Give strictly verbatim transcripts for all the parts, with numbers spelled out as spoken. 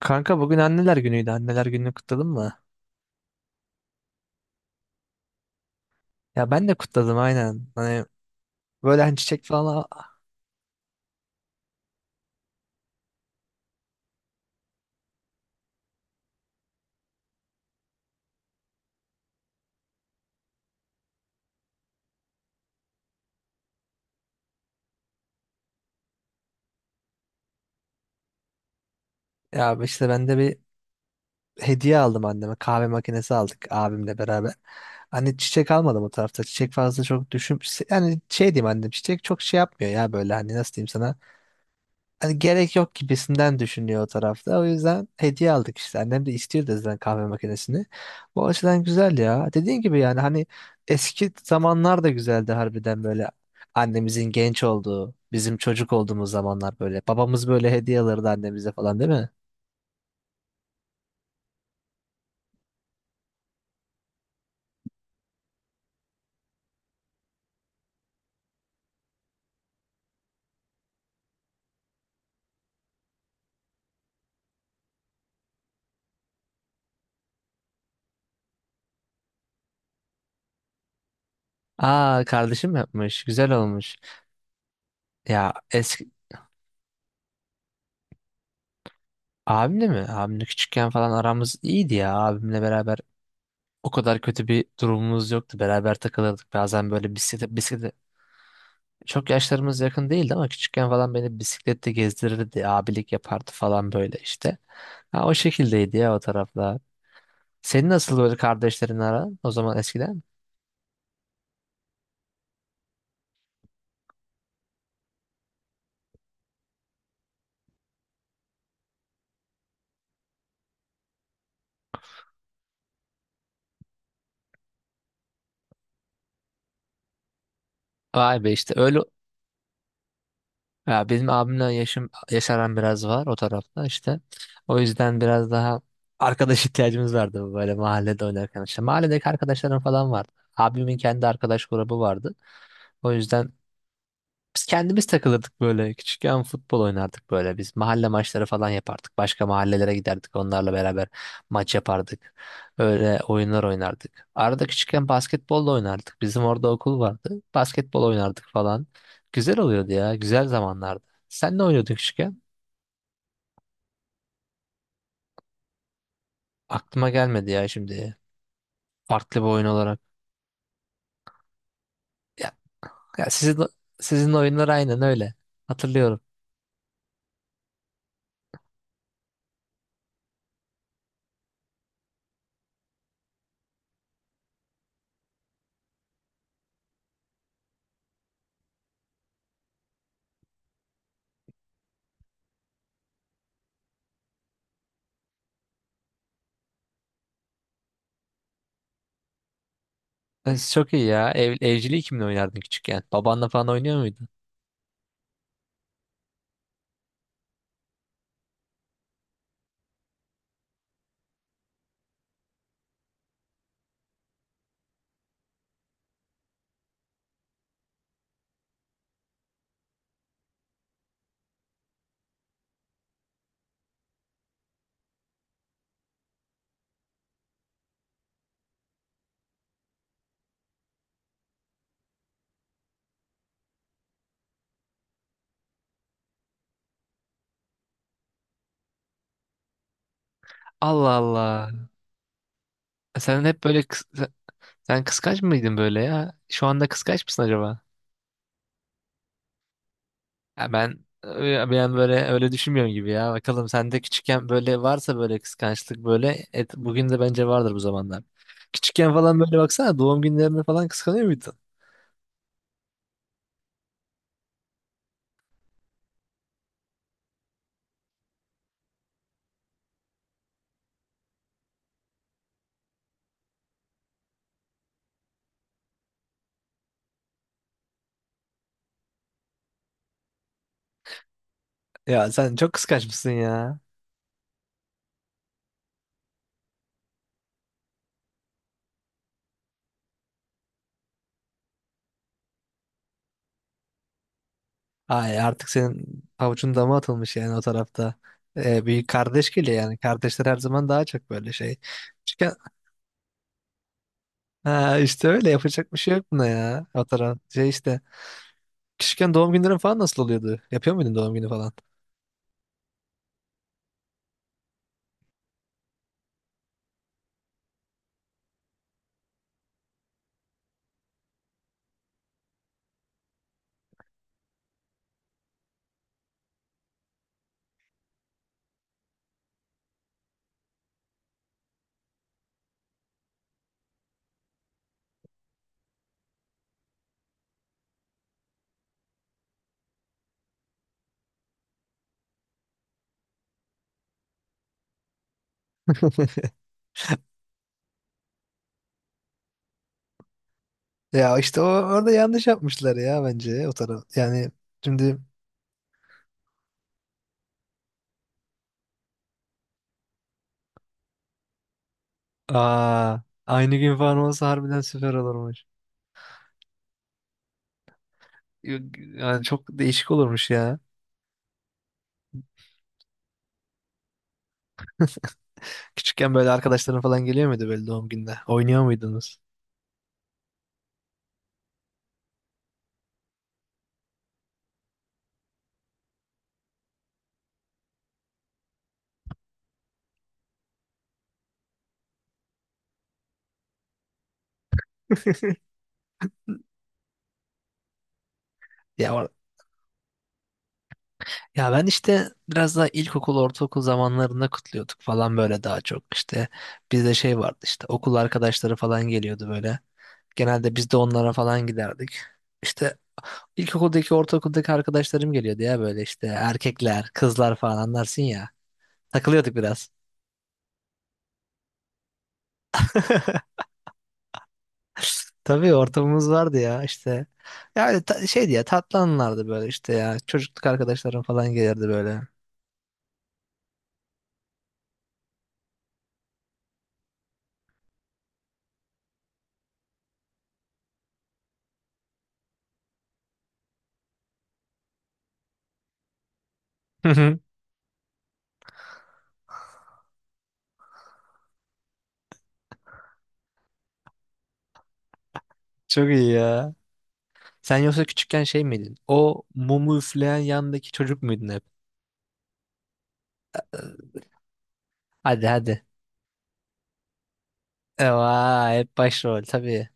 Kanka bugün anneler günüydü. Anneler gününü kutladın mı? Ya ben de kutladım aynen. Hani böyle hani çiçek falan al- ya işte ben de bir hediye aldım anneme. Kahve makinesi aldık abimle beraber. Hani çiçek almadım o tarafta. Çiçek fazla çok düşün yani şey diyeyim, annem çiçek çok şey yapmıyor ya, böyle hani nasıl diyeyim sana. Hani gerek yok gibisinden düşünüyor o tarafta. O yüzden hediye aldık işte. Annem de istiyor da zaten kahve makinesini. Bu açıdan güzel ya. Dediğin gibi yani hani eski zamanlar da güzeldi harbiden böyle. Annemizin genç olduğu, bizim çocuk olduğumuz zamanlar böyle. Babamız böyle hediye alırdı annemize falan, değil mi? Aa, kardeşim yapmış. Güzel olmuş. Ya eski abimle mi? Abimle küçükken falan aramız iyiydi ya. Abimle beraber o kadar kötü bir durumumuz yoktu. Beraber takılırdık. Bazen böyle bisiklete, bisiklete, çok yaşlarımız yakın değildi ama küçükken falan beni bisiklette gezdirirdi, abilik yapardı falan böyle işte. Ha, o şekildeydi ya o taraflar. Senin nasıl böyle kardeşlerin aran o zaman eskiden? Vay be, işte öyle ya, benim abimle yaşım yaş aram biraz var o tarafta işte. O yüzden biraz daha arkadaş ihtiyacımız vardı böyle mahallede oynarken işte. Mahalledeki arkadaşlarım falan vardı. Abimin kendi arkadaş grubu vardı. O yüzden biz kendimiz takılırdık böyle. Küçükken futbol oynardık böyle. Biz mahalle maçları falan yapardık. Başka mahallelere giderdik. Onlarla beraber maç yapardık. Öyle oyunlar oynardık. Arada küçükken basketbol da oynardık. Bizim orada okul vardı. Basketbol oynardık falan. Güzel oluyordu ya. Güzel zamanlardı. Sen ne oynuyordun küçükken? Aklıma gelmedi ya şimdi. Farklı bir oyun olarak. Ya, ya sizin sizin oyunlar aynen öyle. Hatırlıyorum. E, Çok iyi ya. Ev, evciliği kimle oynardın küçükken? Babanla falan oynuyor muydun? Allah Allah. Sen hep böyle kıs- sen sen kıskanç mıydın böyle ya? Şu anda kıskanç mısın acaba? Ya ben ya ben böyle öyle düşünmüyorum gibi ya. Bakalım sende küçükken böyle varsa böyle kıskançlık böyle et, bugün de bence vardır bu zamanlar. Küçükken falan böyle baksana doğum günlerinde falan kıskanıyor muydun? Ya sen çok kıskanç mısın ya? Ay artık senin pabucun dama atılmış yani o tarafta. Ee, bir kardeş geliyor yani. Kardeşler her zaman daha çok böyle şey. Küçükken ha, işte öyle yapacak bir şey yok buna ya. O taraf şey işte. Küçükken doğum günlerin falan nasıl oluyordu? Yapıyor muydun doğum günü falan? Ya işte o, orada yanlış yapmışlar ya bence o taraf. Yani şimdi aa, aynı gün falan olsa harbiden süper olurmuş. Yani çok değişik olurmuş ya. Küçükken böyle arkadaşların falan geliyor muydu böyle doğum gününe? Oynuyor muydunuz? Ya or- ya ben işte biraz daha ilkokul, ortaokul zamanlarında kutluyorduk falan böyle daha çok işte. Bizde şey vardı, işte okul arkadaşları falan geliyordu böyle. Genelde biz de onlara falan giderdik. İşte ilkokuldaki, ortaokuldaki arkadaşlarım geliyordu ya, böyle işte erkekler, kızlar falan anlarsın ya. Takılıyorduk biraz. Tabii ortamımız vardı ya işte. Ya öyle ta- şeydi ya, tatlı anılardı böyle işte ya. Çocukluk arkadaşlarım falan gelirdi böyle. Çok iyi ya. Sen yoksa küçükken şey miydin? O mumu üfleyen yandaki çocuk muydun hep? Hadi hadi. E, Vay, hep başrol tabii.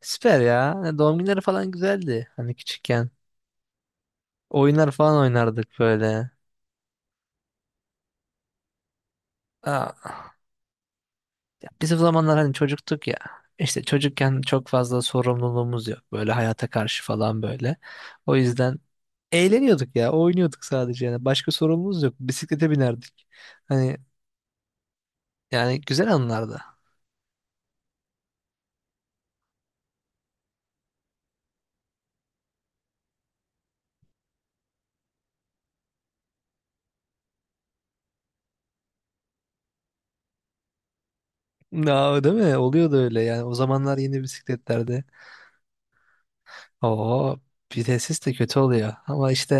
Süper ya. Hani doğum günleri falan güzeldi. Hani küçükken. Oyunlar falan oynardık böyle. Aa. Ya biz o zamanlar hani çocuktuk ya. İşte çocukken çok fazla sorumluluğumuz yok. Böyle hayata karşı falan böyle. O yüzden eğleniyorduk ya. Oynuyorduk sadece yani. Başka sorumluluğumuz yok. Bisiklete binerdik. Hani yani güzel anlardı. Na, değil mi? Oluyordu öyle yani. O zamanlar yeni bisikletlerde. Oo, vitesis de kötü oluyor. Ama işte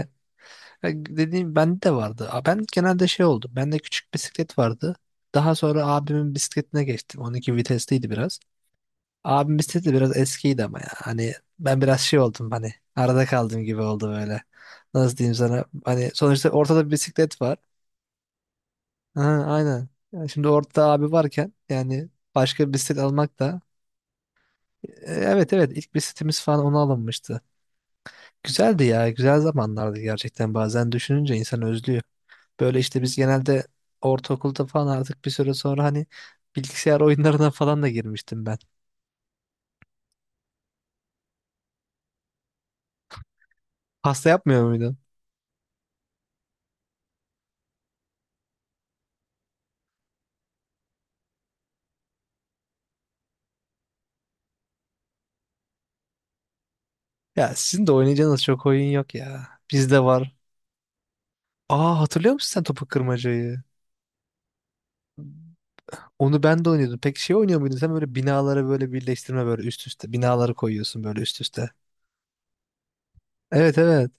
e, dediğim bende de vardı. A, ben genelde şey oldu. Bende küçük bisiklet vardı. Daha sonra abimin bisikletine geçtim. on iki vitesliydi biraz. Abim bisikleti biraz eskiydi ama ya. Hani ben biraz şey oldum hani. Arada kaldım gibi oldu böyle. Nasıl diyeyim sana? Hani sonuçta ortada bir bisiklet var. Ha, aynen. Yani şimdi ortada abi varken yani başka bir bisiklet almak da evet evet, ilk bir sitemiz falan ona alınmıştı. Güzeldi ya, güzel zamanlardı gerçekten, bazen düşününce insan özlüyor. Böyle işte biz genelde ortaokulda falan artık bir süre sonra hani bilgisayar oyunlarına falan da girmiştim ben. Pasta yapmıyor muydun? Ya sizin de oynayacağınız çok oyun yok ya. Bizde var. Aa, hatırlıyor musun sen topu kırmacayı? Onu ben de oynuyordum. Peki şey oynuyor muydun sen, böyle binaları böyle birleştirme, böyle üst üste. Binaları koyuyorsun böyle üst üste. Evet evet.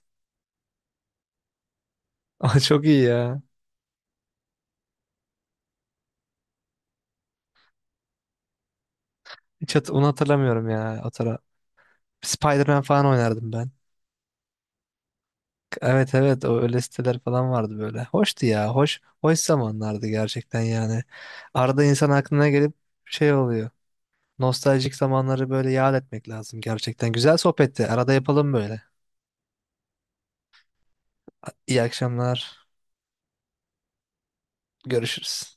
Aa, çok iyi ya. Hiç hat- onu hatırlamıyorum ya. Spider-Man falan oynardım ben. Evet evet, o öyle siteler falan vardı böyle. Hoştu ya. Hoş hoş zamanlardı gerçekten yani. Arada insan aklına gelip şey oluyor. Nostaljik zamanları böyle yad etmek lazım gerçekten. Güzel sohbetti. Arada yapalım böyle. İyi akşamlar. Görüşürüz.